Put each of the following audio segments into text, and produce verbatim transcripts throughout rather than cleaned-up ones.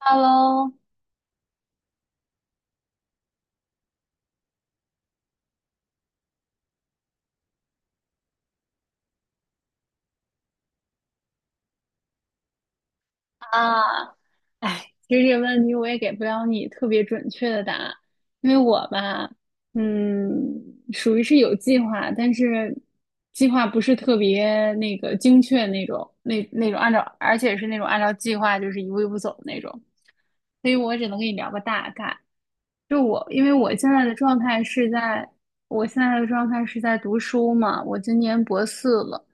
Hello 啊，哎，其实这个问题我也给不了你特别准确的答案，因为我吧，嗯，属于是有计划，但是计划不是特别那个精确那种，那那种按照，而且是那种按照计划就是一步一步走的那种，所以我只能跟你聊个大概。就我，因为我现在的状态是在，我现在的状态是在读书嘛，我今年博四了，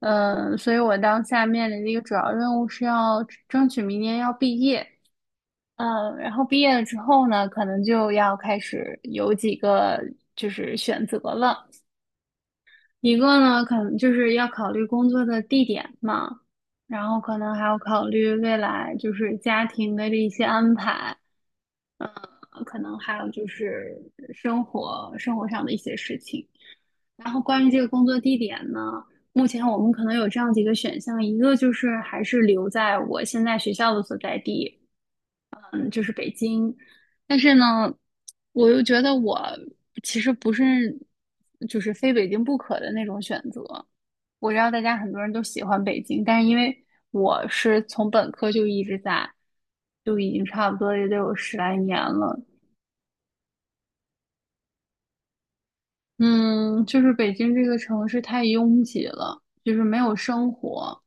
嗯，所以我当下面临的一个主要任务是要争取明年要毕业，嗯，然后毕业了之后呢，可能就要开始有几个就是选择了，一个呢，可能就是要考虑工作的地点嘛，然后可能还要考虑未来就是家庭的这一些安排。嗯，可能还有就是生活生活上的一些事情。然后关于这个工作地点呢，目前我们可能有这样几个选项，一个就是还是留在我现在学校的所在地，嗯，就是北京。但是呢，我又觉得我其实不是就是非北京不可的那种选择。我知道大家很多人都喜欢北京，但是因为我是从本科就一直在，就已经差不多也得有十来年了。嗯，就是北京这个城市太拥挤了，就是没有生活，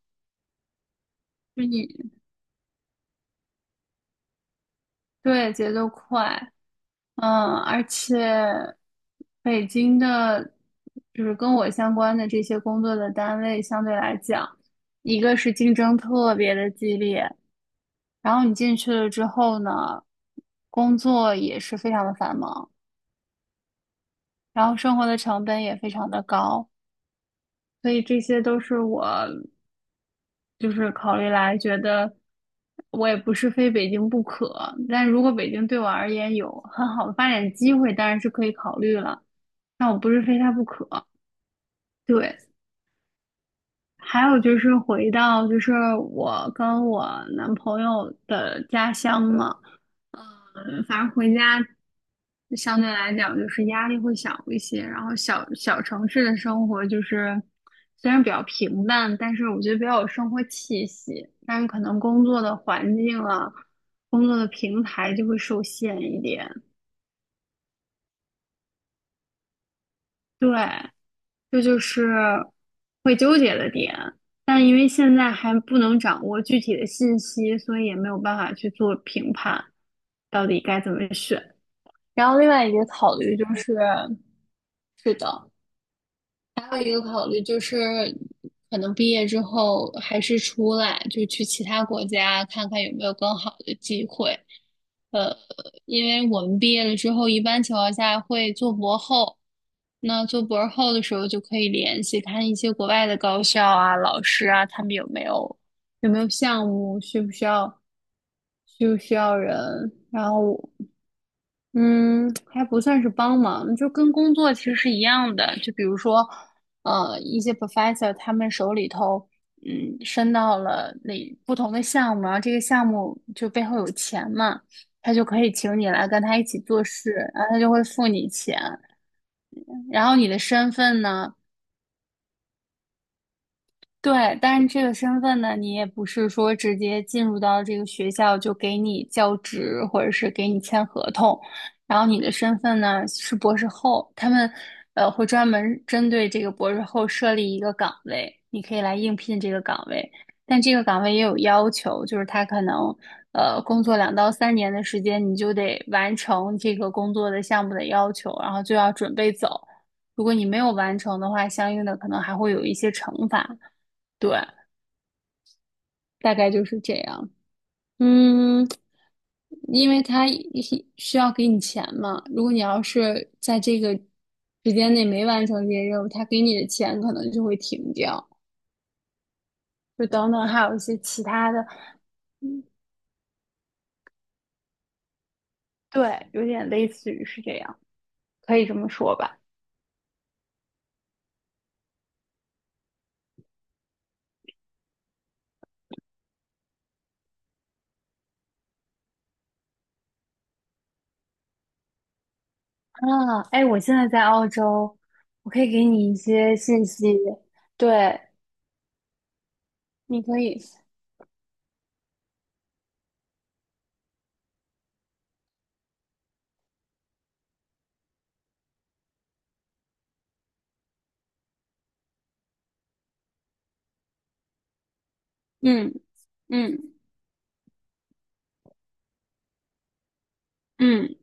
就你对节奏快，嗯，而且北京的，就是跟我相关的这些工作的单位相对来讲，一个是竞争特别的激烈，然后你进去了之后呢，工作也是非常的繁忙，然后生活的成本也非常的高，所以这些都是我。就是考虑来觉得我也不是非北京不可，但如果北京对我而言有很好的发展机会，当然是可以考虑了，但我不是非它不可。对，还有就是回到就是我跟我男朋友的家乡嘛。嗯，反正回家相对来讲就是压力会小一些，然后小小城市的生活就是虽然比较平淡，但是我觉得比较有生活气息，但是可能工作的环境啊，工作的平台就会受限一点。对，这就是会纠结的点。但因为现在还不能掌握具体的信息，所以也没有办法去做评判，到底该怎么选。然后另外一个考虑就是。是的，还有一个考虑就是，可能毕业之后还是出来，就去其他国家看看有没有更好的机会。呃，因为我们毕业了之后，一般情况下会做博后，那做博后的时候就可以联系看一些国外的高校啊、老师啊，他们有没有有没有项目，需不需要需不需要人，然后。嗯，还不算是帮忙，就跟工作其实是一样的。就比如说，呃，一些 professor 他们手里头，嗯，伸到了那不同的项目，然后这个项目就背后有钱嘛，他就可以请你来跟他一起做事，然后他就会付你钱。然后你的身份呢？对，但是这个身份呢，你也不是说直接进入到这个学校就给你教职，或者是给你签合同。然后你的身份呢是博士后，他们呃会专门针对这个博士后设立一个岗位，你可以来应聘这个岗位。但这个岗位也有要求，就是他可能呃工作两到三年的时间，你就得完成这个工作的项目的要求，然后就要准备走。如果你没有完成的话，相应的可能还会有一些惩罚。对，大概就是这样。嗯，因为他一需要给你钱嘛，如果你要是在这个时间内没完成这些任务，他给你的钱可能就会停掉，就等等，还有一些其他的，对，有点类似于是这样，可以这么说吧。啊，哎，我现在在澳洲，我可以给你一些信息，对，你可以，嗯嗯嗯。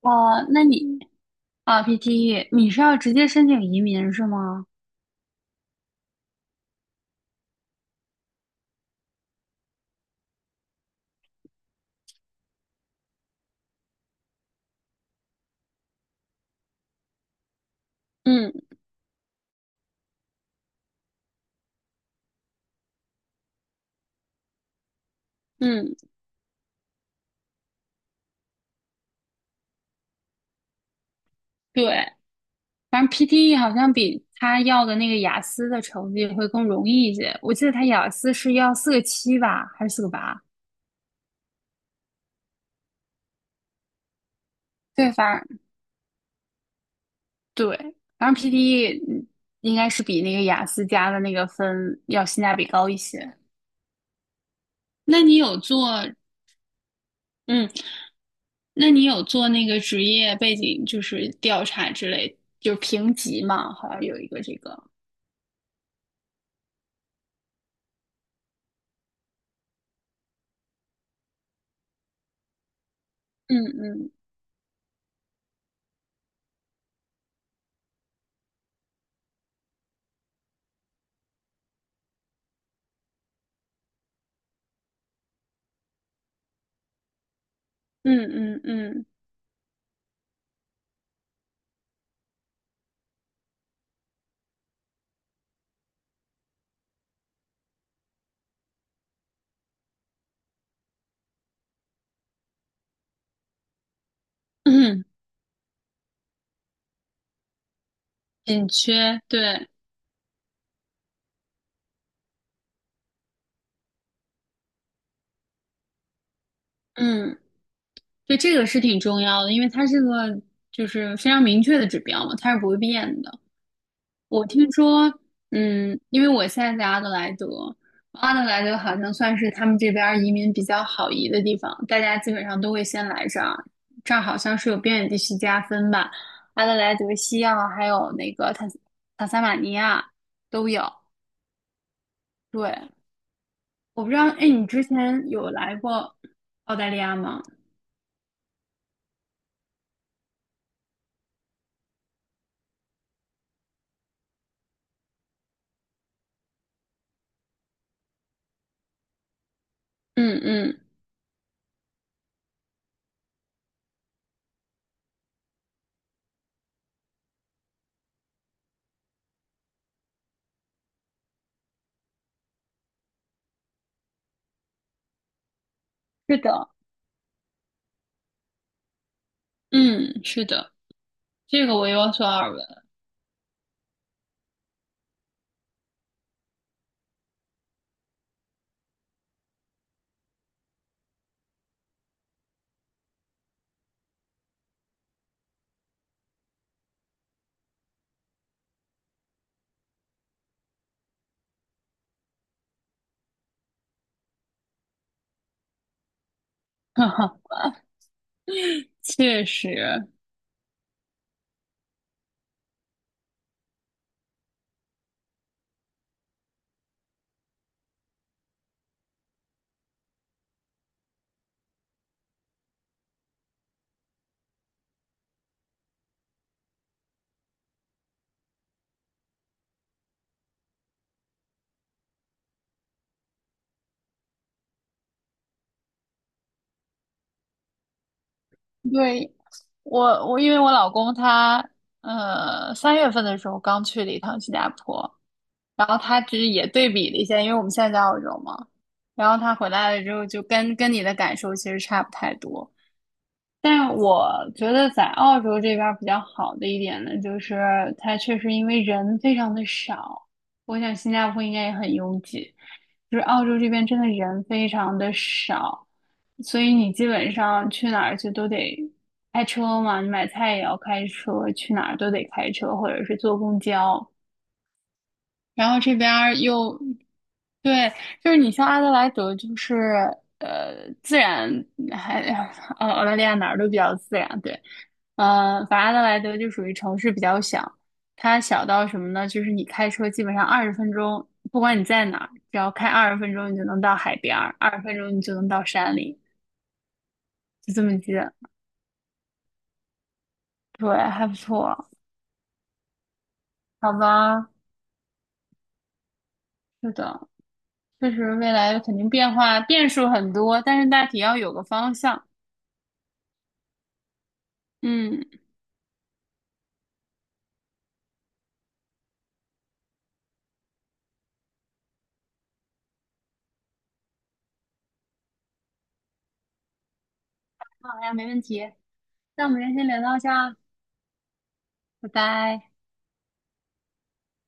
哦，那你啊，P T E,你是要直接申请移民是吗？嗯嗯，对，反正 P T E 好像比他要的那个雅思的成绩会更容易一些。我记得他雅思是要四个七吧，还是四个八？对，反正对，反正 P T E 嗯应该是比那个雅思加的那个分要性价比高一些。那你有做，嗯，那你有做那个职业背景就是调查之类，就是评级嘛，好像有一个这个。嗯嗯嗯嗯嗯，紧缺，对，嗯，对，这个是挺重要的，因为它是个就是非常明确的指标嘛，它是不会变的。我听说，嗯，因为我现在在阿德莱德，阿德莱德好像算是他们这边儿移民比较好移的地方，大家基本上都会先来这儿，这儿好像是有边远地区加分吧，阿德莱德、西澳还有那个塔斯塔斯马尼亚都有，对。我不知道，哎，你之前有来过澳大利亚吗？嗯嗯，是的，嗯，是的，这个我有所耳闻，哈哈，确实，对，我我因为我老公他呃三月份的时候刚去了一趟新加坡，然后他其实也对比了一下，因为我们现在在澳洲嘛，然后他回来了之后就跟跟你的感受其实差不太多。但我觉得在澳洲这边儿比较好的一点呢，就是它确实因为人非常的少，我想新加坡应该也很拥挤，就是澳洲这边真的人非常的少，所以你基本上去哪儿去都得开车嘛，你买菜也要开车，去哪儿都得开车或者是坐公交，然后这边儿又对，就是你像阿德莱德，就是呃自然还呃澳大利亚哪儿都比较自然，对，呃，反正阿德莱德就属于城市比较小，它小到什么呢？就是你开车基本上二十分钟，不管你在哪儿，只要开二十分钟，你就能到海边儿，二十分钟你就能到山里，就这么近。对，还不错，好吧，是的，确实未来肯定变化变数很多，但是大体要有个方向。嗯。好呀，没问题。那我们先聊到这儿，拜拜。